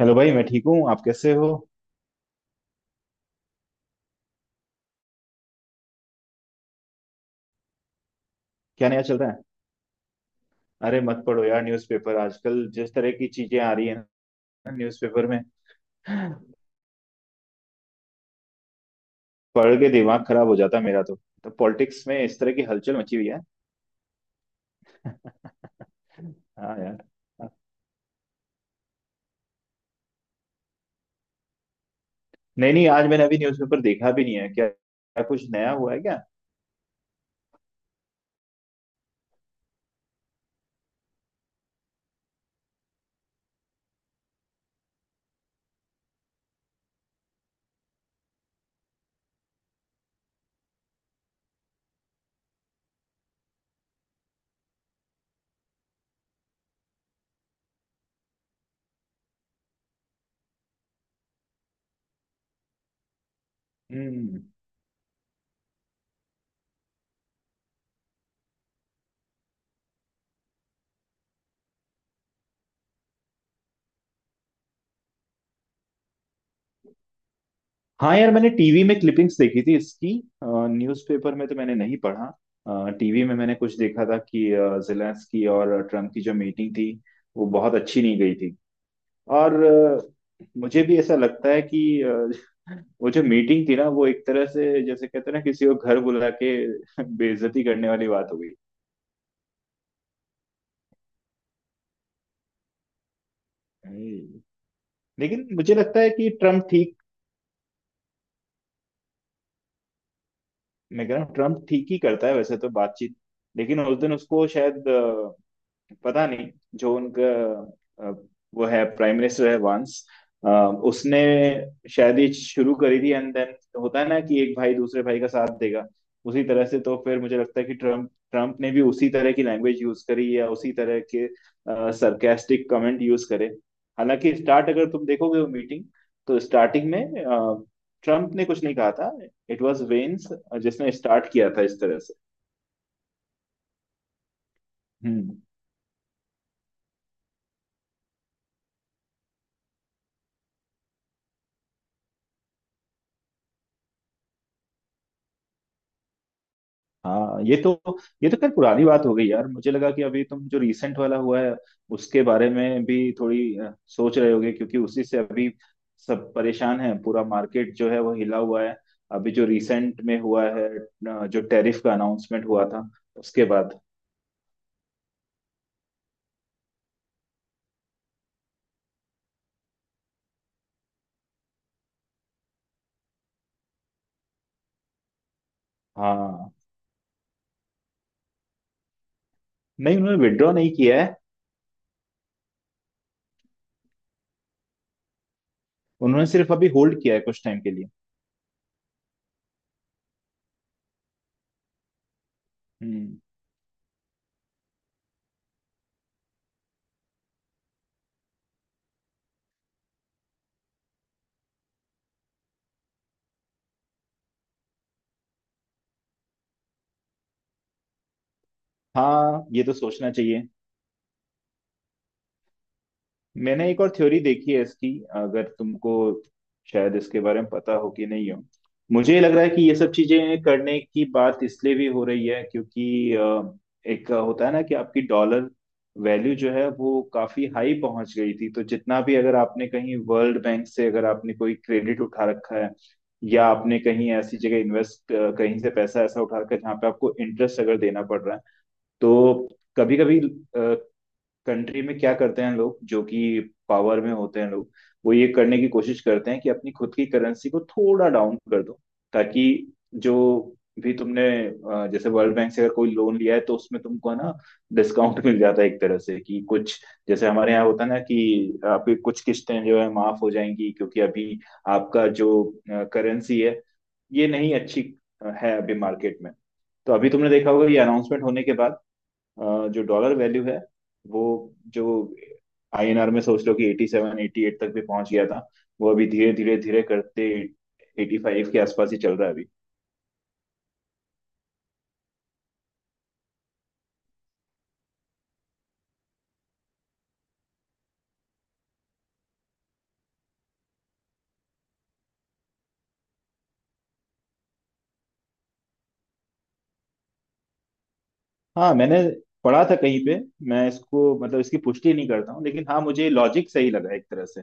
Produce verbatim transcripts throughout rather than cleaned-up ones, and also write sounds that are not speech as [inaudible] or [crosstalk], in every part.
Hello भाई, मैं ठीक हूँ। आप कैसे हो? क्या नया चल रहा है? अरे मत पढ़ो यार न्यूज़पेपर। आजकल जिस तरह की चीजें आ रही है ना न्यूज़पेपर में, पढ़ के दिमाग खराब हो जाता है मेरा तो। तो पॉलिटिक्स में इस तरह की हलचल मची हुई है। [laughs] हाँ यार। नहीं नहीं, आज मैंने अभी न्यूज़पेपर देखा भी नहीं है। क्या क्या कुछ नया हुआ है क्या? हम्म। हाँ यार, मैंने टीवी में क्लिपिंग्स देखी थी इसकी। न्यूज़पेपर में तो मैंने नहीं पढ़ा, टीवी में मैंने कुछ देखा था कि अ, जेलेंस्की और ट्रम्प की जो मीटिंग थी वो बहुत अच्छी नहीं गई थी। और अ, मुझे भी ऐसा लगता है कि अ, वो जो मीटिंग थी ना, वो एक तरह से जैसे कहते हैं ना, किसी को घर बुला के [laughs] बेइज्जती करने वाली बात हो गई। हम्म। लेकिन मुझे लगता है कि ट्रम्प ठीक, मैं कह रहा हूँ ट्रम्प ठीक ही करता है वैसे तो बातचीत। लेकिन उस दिन उसको शायद, पता नहीं, जो उनका अ, वो है, प्राइम मिनिस्टर है वांस, अ, उसने शायद ये शुरू करी थी एंड देन होता है ना कि एक भाई दूसरे भाई का साथ देगा। उसी तरह से तो फिर मुझे लगता है कि ट्रम्प ट्रम्प ने भी उसी तरह की लैंग्वेज यूज करी, या उसी तरह के सरकास्टिक कमेंट यूज करे। हालांकि स्टार्ट अगर तुम देखोगे वो मीटिंग, तो स्टार्टिंग में ट्रम्प ने कुछ नहीं कहा था। इट वाज वेंस जिसने स्टार्ट किया था इस तरह से। हम्म। हाँ, ये तो, ये तो खैर पुरानी बात हो गई यार। मुझे लगा कि अभी तुम जो रीसेंट वाला हुआ है उसके बारे में भी थोड़ी अ, सोच रहे होगे, क्योंकि उसी से अभी सब परेशान है, पूरा मार्केट जो है वो हिला हुआ है। अभी जो रीसेंट में हुआ है, अ, जो टैरिफ का अनाउंसमेंट हुआ था उसके बाद। हाँ। नहीं, उन्होंने विड्रॉ नहीं किया है। उन्होंने सिर्फ अभी होल्ड किया है कुछ टाइम के लिए। हम्म। हाँ ये तो सोचना चाहिए। मैंने एक और थ्योरी देखी है इसकी, अगर तुमको शायद इसके बारे में पता हो कि नहीं हो। मुझे लग रहा है कि ये सब चीजें करने की बात इसलिए भी हो रही है क्योंकि अ, एक होता है ना कि आपकी डॉलर वैल्यू जो है वो काफी हाई पहुंच गई थी। तो जितना भी अगर आपने कहीं वर्ल्ड बैंक से अगर आपने कोई क्रेडिट उठा रखा है, या आपने कहीं ऐसी जगह इन्वेस्ट, कहीं से पैसा ऐसा उठा रखा है जहाँ पे आपको इंटरेस्ट अगर देना पड़ रहा है, तो कभी कभी कंट्री में क्या करते हैं लोग जो कि पावर में होते हैं लोग, वो ये करने की कोशिश करते हैं कि अपनी खुद की करेंसी को थोड़ा डाउन कर दो, ताकि जो भी तुमने अ, जैसे वर्ल्ड बैंक से अगर कोई लोन लिया है तो उसमें तुमको ना डिस्काउंट मिल जाता है एक तरह से, कि कुछ जैसे हमारे यहाँ होता है ना कि आपकी कुछ किस्तें जो है माफ हो जाएंगी, क्योंकि अभी आपका जो करेंसी है ये नहीं अच्छी अ, है अभी मार्केट में। तो अभी तुमने देखा होगा ये अनाउंसमेंट होने के बाद अ, जो डॉलर वैल्यू है, वो जो आई एन आर में सोच लो कि एटी सेवन एटी एट तक भी पहुंच गया था, वो अभी धीरे धीरे धीरे करते एटी फ़ाइव के आसपास ही चल रहा है अभी। हाँ, मैंने पढ़ा था कहीं पे, मैं इसको मतलब इसकी पुष्टि नहीं करता हूँ, लेकिन हाँ मुझे लॉजिक सही लगा एक तरह से।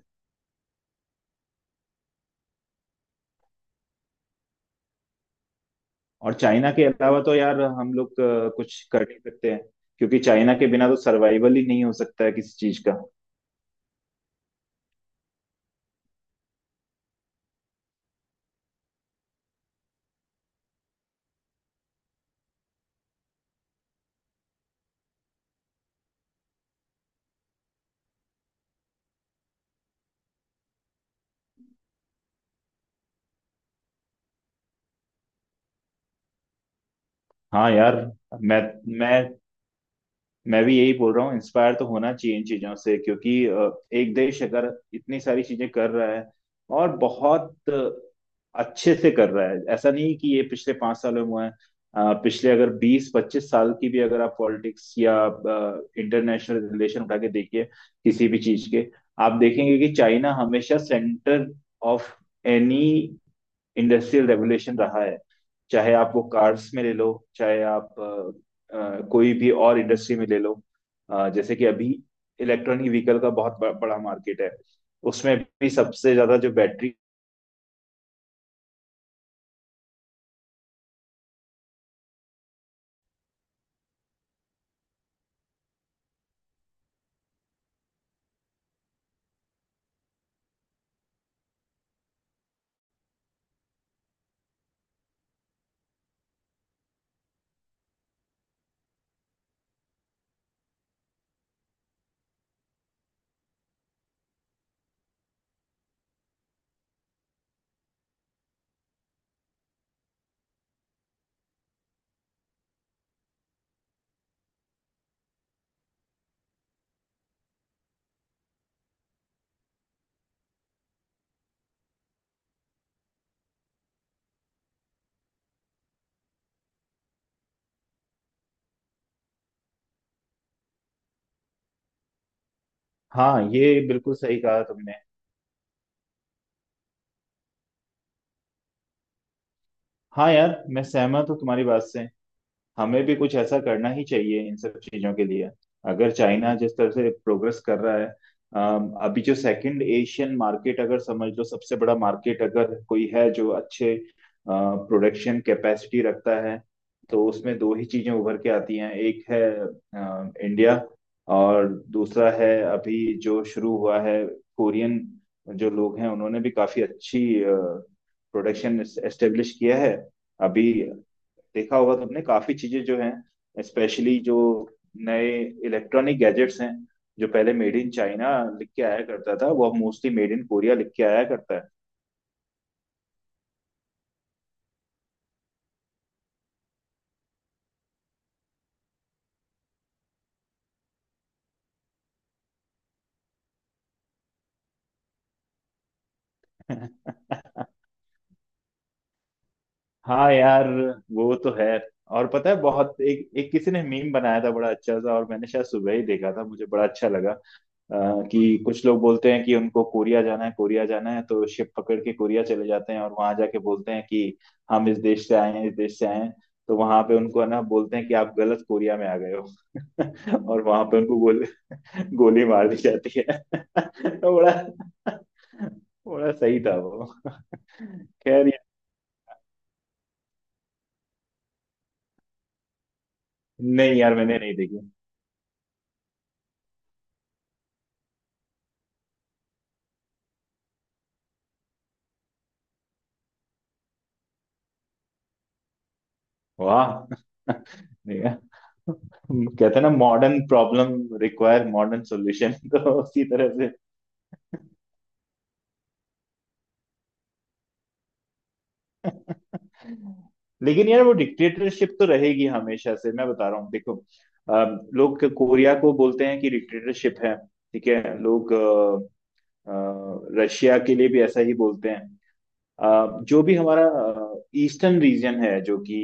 और चाइना के अलावा तो यार हम लोग अ, कुछ कर नहीं सकते हैं, क्योंकि चाइना के बिना तो सर्वाइवल ही नहीं हो सकता है किसी चीज का। हाँ यार, मैं मैं मैं भी यही बोल रहा हूँ, इंस्पायर तो होना चाहिए इन चीजों से, क्योंकि अ, एक देश अगर इतनी सारी चीजें कर रहा है और बहुत अ, अच्छे से कर रहा है, ऐसा नहीं कि ये पिछले पांच साल में हुआ है। अ, पिछले अगर बीस पच्चीस साल की भी अगर आप पॉलिटिक्स या इंटरनेशनल रिलेशन उठा के देखिए किसी भी चीज के, आप देखेंगे कि चाइना हमेशा center of any industrial revolution रहा है। चाहे आप वो कार्स में ले लो, चाहे आप अ, अ, कोई भी और इंडस्ट्री में ले लो। अ, जैसे कि अभी इलेक्ट्रॉनिक व्हीकल का बहुत ब- बड़ा मार्केट है। उसमें भी सबसे ज्यादा जो बैटरी, हाँ ये बिल्कुल सही कहा तुमने। हाँ यार मैं सहमत हूँ तुम्हारी बात से। हमें भी कुछ ऐसा करना ही चाहिए इन सब चीजों के लिए। अगर चाइना जिस तरह से प्रोग्रेस कर रहा है, अम, अभी जो सेकंड एशियन मार्केट अगर समझ लो, सबसे बड़ा मार्केट अगर कोई है जो अच्छे प्रोडक्शन कैपेसिटी रखता है, तो उसमें दो ही चीजें उभर के आती हैं। एक है अ, इंडिया, और दूसरा है अभी जो शुरू हुआ है, कोरियन। जो लोग हैं उन्होंने भी काफी अच्छी प्रोडक्शन एस्टेब्लिश किया है अभी। देखा होगा तुमने काफी चीजें जो हैं, स्पेशली जो नए इलेक्ट्रॉनिक गैजेट्स हैं जो पहले मेड इन चाइना लिख के आया करता था, वो अब मोस्टली मेड इन कोरिया लिख के आया करता है। [laughs] हाँ यार, वो तो है। और पता है, बहुत एक एक, किसी ने मीम बनाया था बड़ा अच्छा सा, और मैंने शायद सुबह ही देखा था, मुझे बड़ा अच्छा लगा। अ, कि कुछ लोग बोलते हैं कि उनको कोरिया जाना है कोरिया जाना है, तो शिप पकड़ के कोरिया चले जाते हैं, और वहां जाके बोलते हैं कि हम इस देश से आए हैं इस देश से आए हैं। तो वहां पे उनको है ना, बोलते हैं कि आप गलत कोरिया में आ गए हो, [laughs] और वहां पे उनको गोली गोली मार दी जाती है। [laughs] तो बड़ा बड़ा सही था वो। [laughs] खैर ये- नहीं यार, मैंने नहीं देखी। वाह। [laughs] नहीं यार। कहते हैं ना, modern problem require modern solution, [laughs] तो उसी तरह से। लेकिन यार वो डिक्टेटरशिप तो रहेगी हमेशा से, मैं बता रहा हूँ देखो। अम, लोग कोरिया को बोलते हैं कि डिक्टेटरशिप है, ठीक है। लोग अ, अ, रशिया के लिए भी ऐसा ही बोलते हैं। अ, जो भी हमारा ईस्टर्न रीजन है, जो कि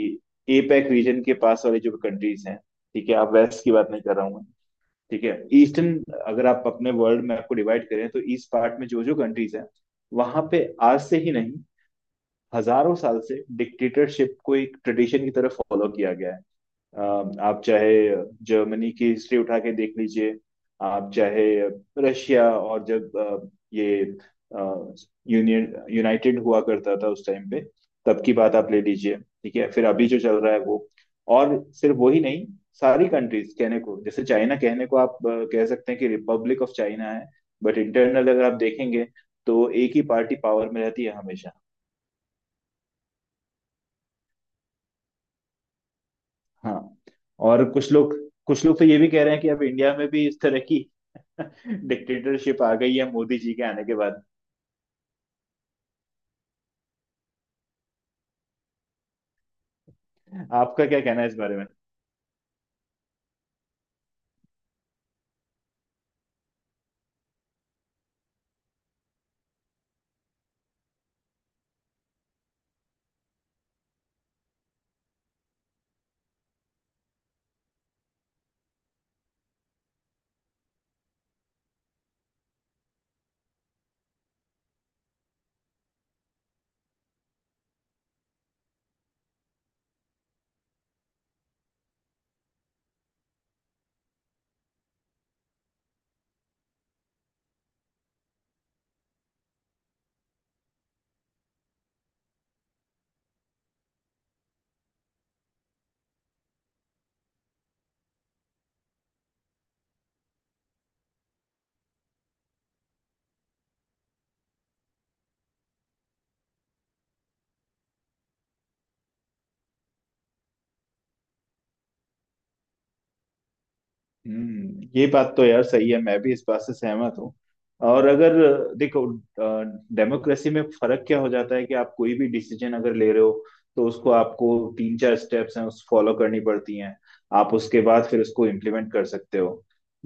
एपेक रीजन के पास वाली जो कंट्रीज हैं, ठीक है। आप वेस्ट की बात नहीं कर रहा हूँ मैं, ठीक है। ईस्टर्न, अगर आप अपने वर्ल्ड मैप को डिवाइड करें, तो ईस्ट पार्ट में जो जो कंट्रीज हैं, वहां पे आज से ही नहीं, हजारों साल से डिक्टेटरशिप को एक ट्रेडिशन की तरह फॉलो किया गया है। अ, आप चाहे जर्मनी की हिस्ट्री उठा के देख लीजिए, आप चाहे रशिया, और जब अ, ये यूनियन यूनाइटेड हुआ करता था उस टाइम पे, तब की बात आप ले लीजिए, ठीक है। फिर अभी जो चल रहा है वो, और सिर्फ वही नहीं, सारी कंट्रीज कहने को, जैसे चाइना, कहने को आप अ, कह सकते हैं कि रिपब्लिक ऑफ चाइना है, बट इंटरनल अगर आप देखेंगे, तो एक ही पार्टी पावर में रहती है हमेशा। हाँ। और कुछ लोग कुछ लोग तो ये भी कह रहे हैं कि अब इंडिया में भी इस तरह की [laughs] डिक्टेटरशिप आ गई है, मोदी जी के आने के बाद। आपका क्या कहना है इस बारे में? हम्म, ये बात तो यार सही है, मैं भी इस बात से सहमत हूँ। और अगर देखो, डेमोक्रेसी में फर्क क्या हो जाता है कि आप कोई भी डिसीजन अगर ले रहे हो, तो उसको आपको तीन चार स्टेप्स हैं उस फॉलो करनी पड़ती हैं। आप उसके बाद फिर उसको इम्प्लीमेंट कर सकते हो।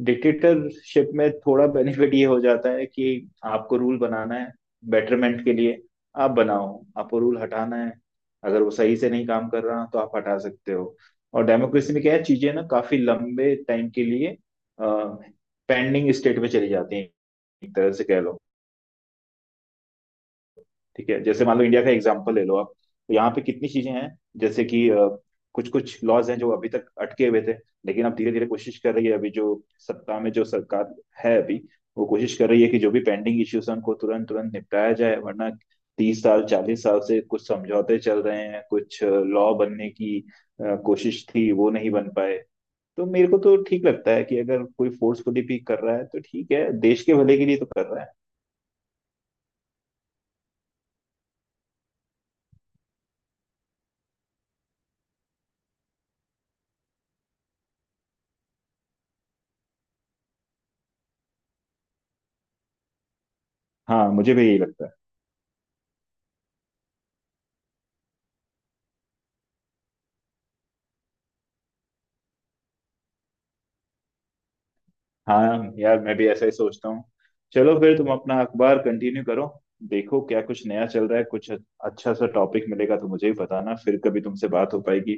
डिक्टेटरशिप में थोड़ा बेनिफिट ये हो जाता है कि आपको रूल बनाना है बेटरमेंट के लिए, आप बनाओ। आपको रूल हटाना है, अगर वो सही से नहीं काम कर रहा, तो आप हटा सकते हो। और डेमोक्रेसी में क्या है, चीजें ना काफी लंबे टाइम के लिए पेंडिंग स्टेट में चली जाती हैं, एक तरह से कह लो। ठीक है, जैसे मान लो इंडिया का एग्जाम्पल ले लो आप, तो यहाँ पे कितनी चीजें हैं, जैसे कि कुछ कुछ लॉज हैं जो अभी तक अटके हुए थे, लेकिन अब धीरे धीरे कोशिश कर रही है अभी जो सत्ता में जो सरकार है अभी, वो कोशिश कर रही है कि जो भी पेंडिंग इश्यूज हैं उनको तुरंत तुरंत निपटाया जाए, वरना तीस साल चालीस साल से कुछ समझौते चल रहे हैं, कुछ लॉ बनने की अ, कोशिश थी वो नहीं बन पाए। तो मेरे को तो ठीक लगता है कि अगर कोई फोर्सफुली भी कर रहा है तो ठीक है, देश के भले के लिए तो कर रहा है। हाँ मुझे भी यही लगता है। हाँ यार मैं भी ऐसा ही सोचता हूँ। चलो फिर तुम अपना अखबार कंटिन्यू करो, देखो क्या कुछ नया चल रहा है, कुछ अच्छा सा टॉपिक मिलेगा तो मुझे भी बताना। फिर कभी तुमसे बात हो पाएगी।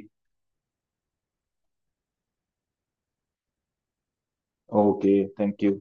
ओके। Thank you.